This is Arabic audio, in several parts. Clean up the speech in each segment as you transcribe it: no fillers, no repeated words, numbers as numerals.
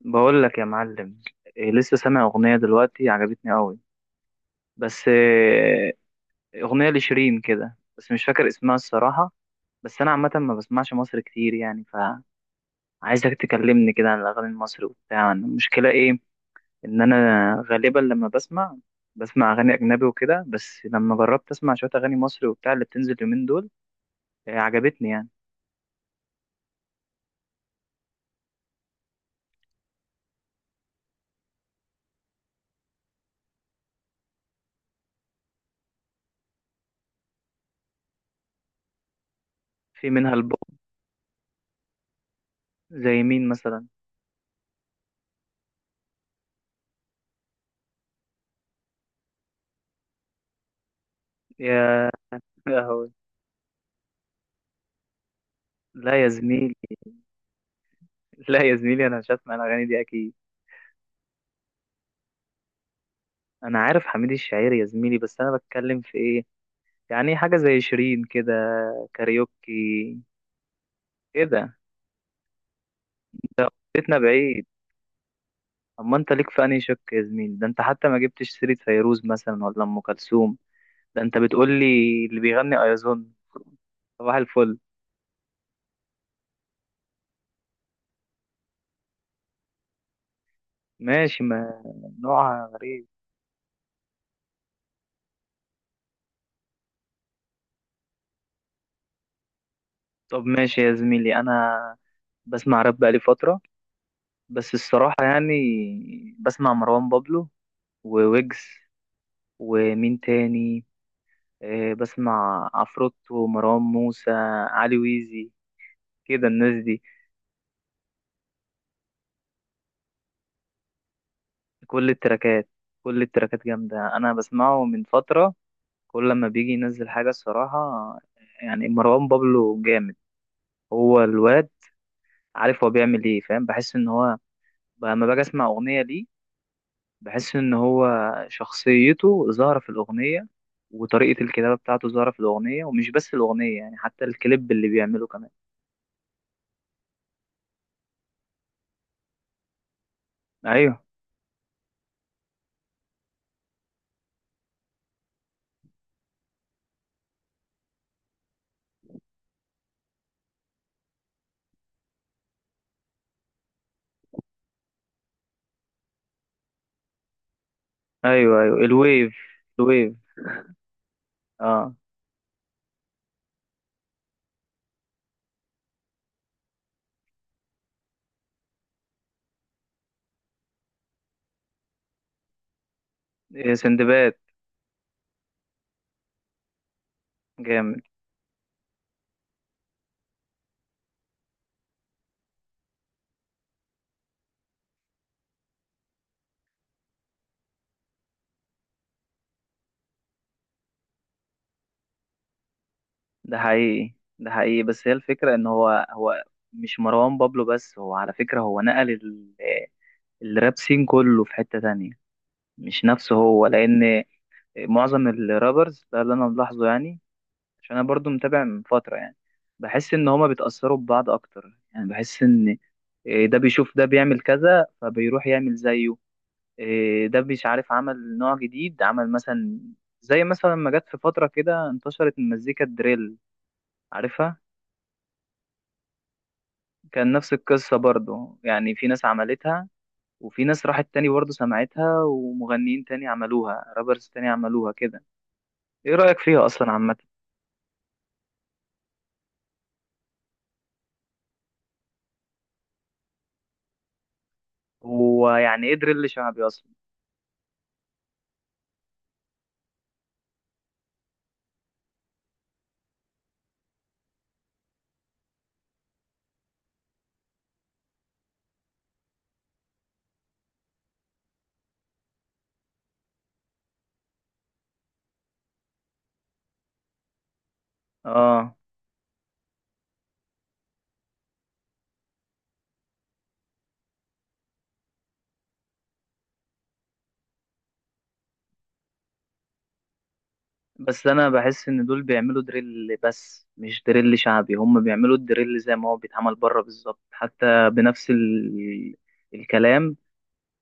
بقول لك يا معلم. لسه سامع أغنية دلوقتي عجبتني قوي. بس أغنية لشيرين كده، بس مش فاكر اسمها الصراحة. بس أنا عامة ما بسمعش مصر كتير يعني، فعايزك تكلمني كده عن الأغاني المصري وبتاع. المشكلة إيه؟ إن أنا غالبا لما بسمع أغاني أجنبي وكده، بس لما جربت أسمع شوية أغاني مصري وبتاع اللي بتنزل اليومين دول، عجبتني يعني. في منها البوم. زي مين مثلا؟ يا يا هوي. لا يا زميلي، لا يا زميلي، أنا مش هسمع الأغاني دي أكيد. انا عارف حميد الشاعري يا زميلي، بس انا بتكلم في ايه؟ يعني حاجه زي شيرين كده، كاريوكي كده. بيتنا بعيد. اما انت ليك في انهي شق يا زميلي؟ ده انت حتى ما جبتش سيره فيروز مثلا ولا ام كلثوم. ده انت بتقول لي اللي بيغني ايازون صباح الفل. ماشي، ما نوعها غريب. طب ماشي يا زميلي، انا بسمع راب بقالي فتره، بس الصراحه يعني بسمع مروان بابلو وويجز ومين تاني، بسمع عفروتو، مروان موسى، علي ويزي، كده الناس دي. كل التراكات، كل التراكات جامدة، أنا بسمعه من فترة. كل لما بيجي ينزل حاجة الصراحة يعني، مروان بابلو جامد. هو الواد عارف هو بيعمل ايه، فاهم؟ بحس ان هو، لما باجي اسمع أغنية ليه بحس ان هو شخصيته ظاهرة في الأغنية، وطريقة الكتابة بتاعته ظاهرة في الأغنية، ومش بس الأغنية يعني، حتى الكليب اللي بيعمله كمان. أيوه، أيوه أيوه، الويف، الويف، اه. سندباد، جامد. ده حقيقي، ده حقيقي. بس هي الفكرة ان هو مش مروان بابلو بس، هو على فكرة هو نقل ال- الراب سين كله في حتة تانية، مش نفسه هو، لان معظم الرابرز ده اللي انا ملاحظه يعني، عشان انا برضو متابع من فترة يعني، بحس ان هما بيتأثروا ببعض اكتر يعني، بحس ان ده بيشوف ده بيعمل كذا فبيروح يعمل زيه، ده مش عارف عمل نوع جديد، عمل مثلا زي مثلا ما جت في فترة كده انتشرت المزيكا الدريل، عارفها؟ كان نفس القصة برضو يعني، في ناس عملتها وفي ناس راحت تاني برضو سمعتها، ومغنيين تاني عملوها، رابرز تاني عملوها كده. ايه رأيك فيها اصلا عامة؟ هو يعني ايه دريل شعبي اصلا؟ اه. بس انا بحس ان دول بيعملوا دريل بس مش دريل شعبي، هم بيعملوا الدريل زي ما هو بيتعمل بره بالظبط، حتى بنفس ال... الكلام،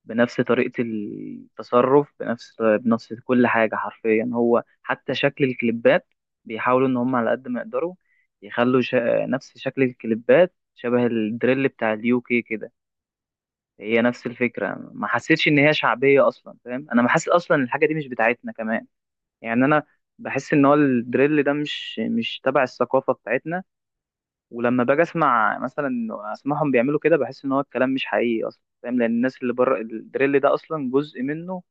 بنفس طريقة التصرف، بنفس كل حاجة حرفيا، هو حتى شكل الكليبات بيحاولوا إن هم على قد ما يقدروا يخلوا نفس شكل الكليبات شبه الدريل بتاع اليو كي كده. هي نفس الفكرة، ما حسيتش إن هي شعبية أصلا، فاهم؟ أنا بحس أصلا إن الحاجة دي مش بتاعتنا كمان يعني، أنا بحس إن هو الدريل ده مش تبع الثقافة بتاعتنا. ولما باجي أسمع مثلا إنه أسمعهم بيعملوا كده، بحس إن هو الكلام مش حقيقي أصلا، فاهم؟ لأن الناس اللي بره الدريل ده أصلا جزء منه،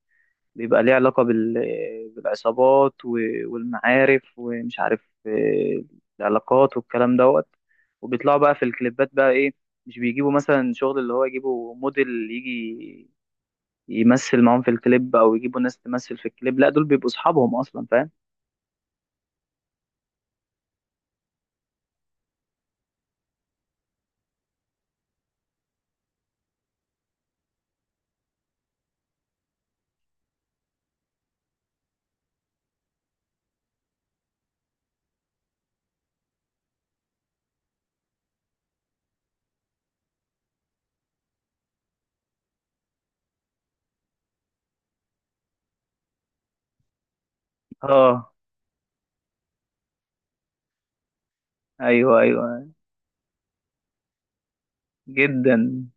بيبقى ليه علاقة بال... بالعصابات و... والمعارف ومش عارف العلاقات والكلام دوت. وبيطلعوا بقى في الكليبات بقى ايه، مش بيجيبوا مثلا شغل اللي هو يجيبوا موديل يجي يمثل معاهم في الكليب، او يجيبوا ناس تمثل في الكليب، لا دول بيبقوا اصحابهم اصلا، فاهم؟ اه. ايوه، ايوه جدا.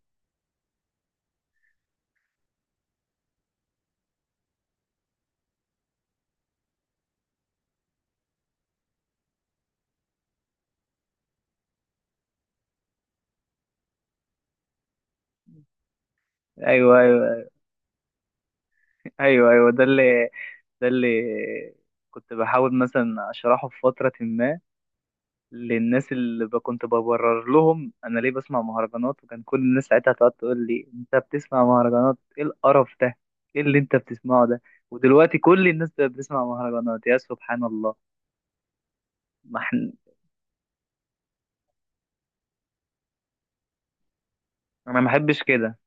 ايوه ايوه ايوه، ايوه ده اللي كنت بحاول مثلا اشرحه في فترة ما، للناس اللي كنت ببرر لهم انا ليه بسمع مهرجانات، وكان كل الناس ساعتها تقعد تقول لي انت بتسمع مهرجانات؟ ايه القرف ده؟ ايه اللي انت بتسمعه ده؟ ودلوقتي كل الناس بقت بتسمع مهرجانات، يا سبحان الله. ما احنا، انا ما بحبش كده.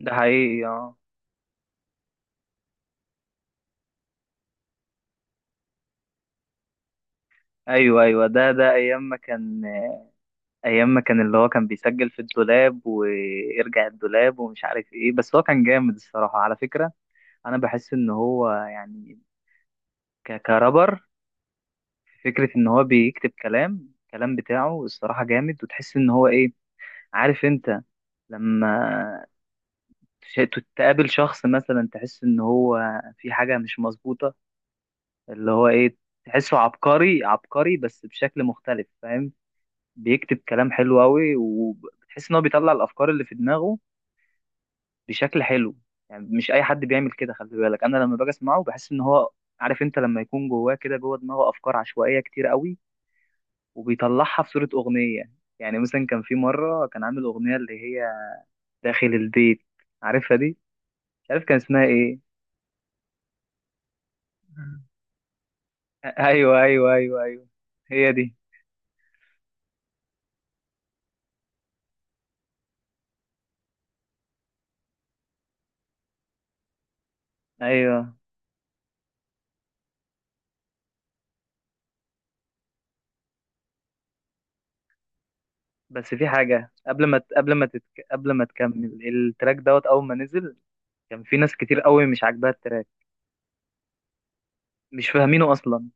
ده حقيقي، اه. ايوه ايوه، ده ايام ما كان، ايام ما كان اللي هو كان بيسجل في الدولاب ويرجع الدولاب ومش عارف ايه، بس هو كان جامد الصراحة على فكرة. انا بحس ان هو يعني كرابر، فكرة إن هو بيكتب كلام، الكلام بتاعه الصراحة جامد، وتحس إن هو إيه، عارف أنت لما تش- تقابل شخص مثلا تحس إن هو في حاجة مش مظبوطة، اللي هو إيه، تحسه عبقري، عبقري بس بشكل مختلف، فاهم؟ بيكتب كلام حلو أوي، وبتحس إن هو بيطلع الأفكار اللي في دماغه بشكل حلو. يعني مش أي حد بيعمل كده، خلي بالك. أنا لما باجي أسمعه بحس إن هو، عارف أنت، لما يكون جواه كده، جوه دماغه أفكار عشوائية كتير أوي، وبيطلعها في صورة أغنية. يعني مثلا كان في مرة كان عامل أغنية اللي هي داخل البيت، عارفها دي؟ مش عارف كان اسمها إيه. مم. أيوه أيوه أيوه أيوه، هي دي. أيوه، بس في حاجة قبل ما تكمل، التراك دوت أول ما نزل كان في ناس كتير قوي مش عاجباها التراك، مش فاهمينه أصلا.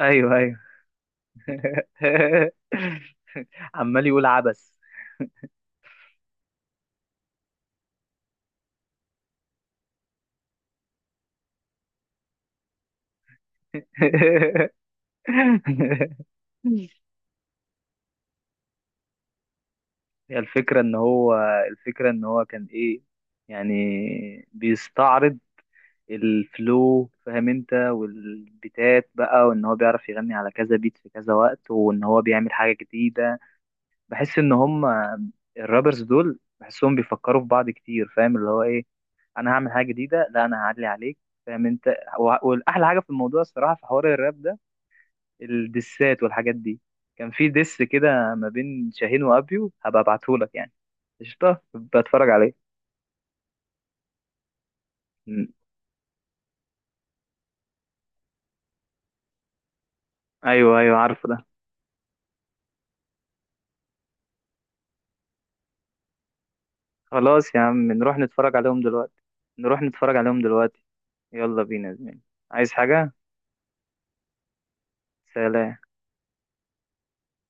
أيوه أيوه. عمال يقول عبس. هي الفكرة ان هو، الفكرة ان هو كان ايه يعني، بيستعرض الفلو فاهم انت، والبيتات بقى، وان هو بيعرف يغني على كذا بيت في كذا وقت، وان هو بيعمل حاجة جديدة. بحس ان هم الرابرز دول بحسهم بيفكروا في بعض كتير، فاهم؟ اللي هو ايه، انا هعمل حاجة جديدة، لا انا هعلي عليك، فاهم انت؟ والاحلى حاجة في الموضوع الصراحة في حوار الراب ده، الدسات والحاجات دي، كان في دس كده ما بين شاهين وابيو، هبقى ابعتهولك يعني، قشطة، بتفرج عليه. مم. ايوه ايوه، عارفه ده. خلاص يا عم نروح نتفرج عليهم دلوقتي، نروح نتفرج عليهم دلوقتي. يلا بينا يا زميلي. عايز حاجة؟ سلام.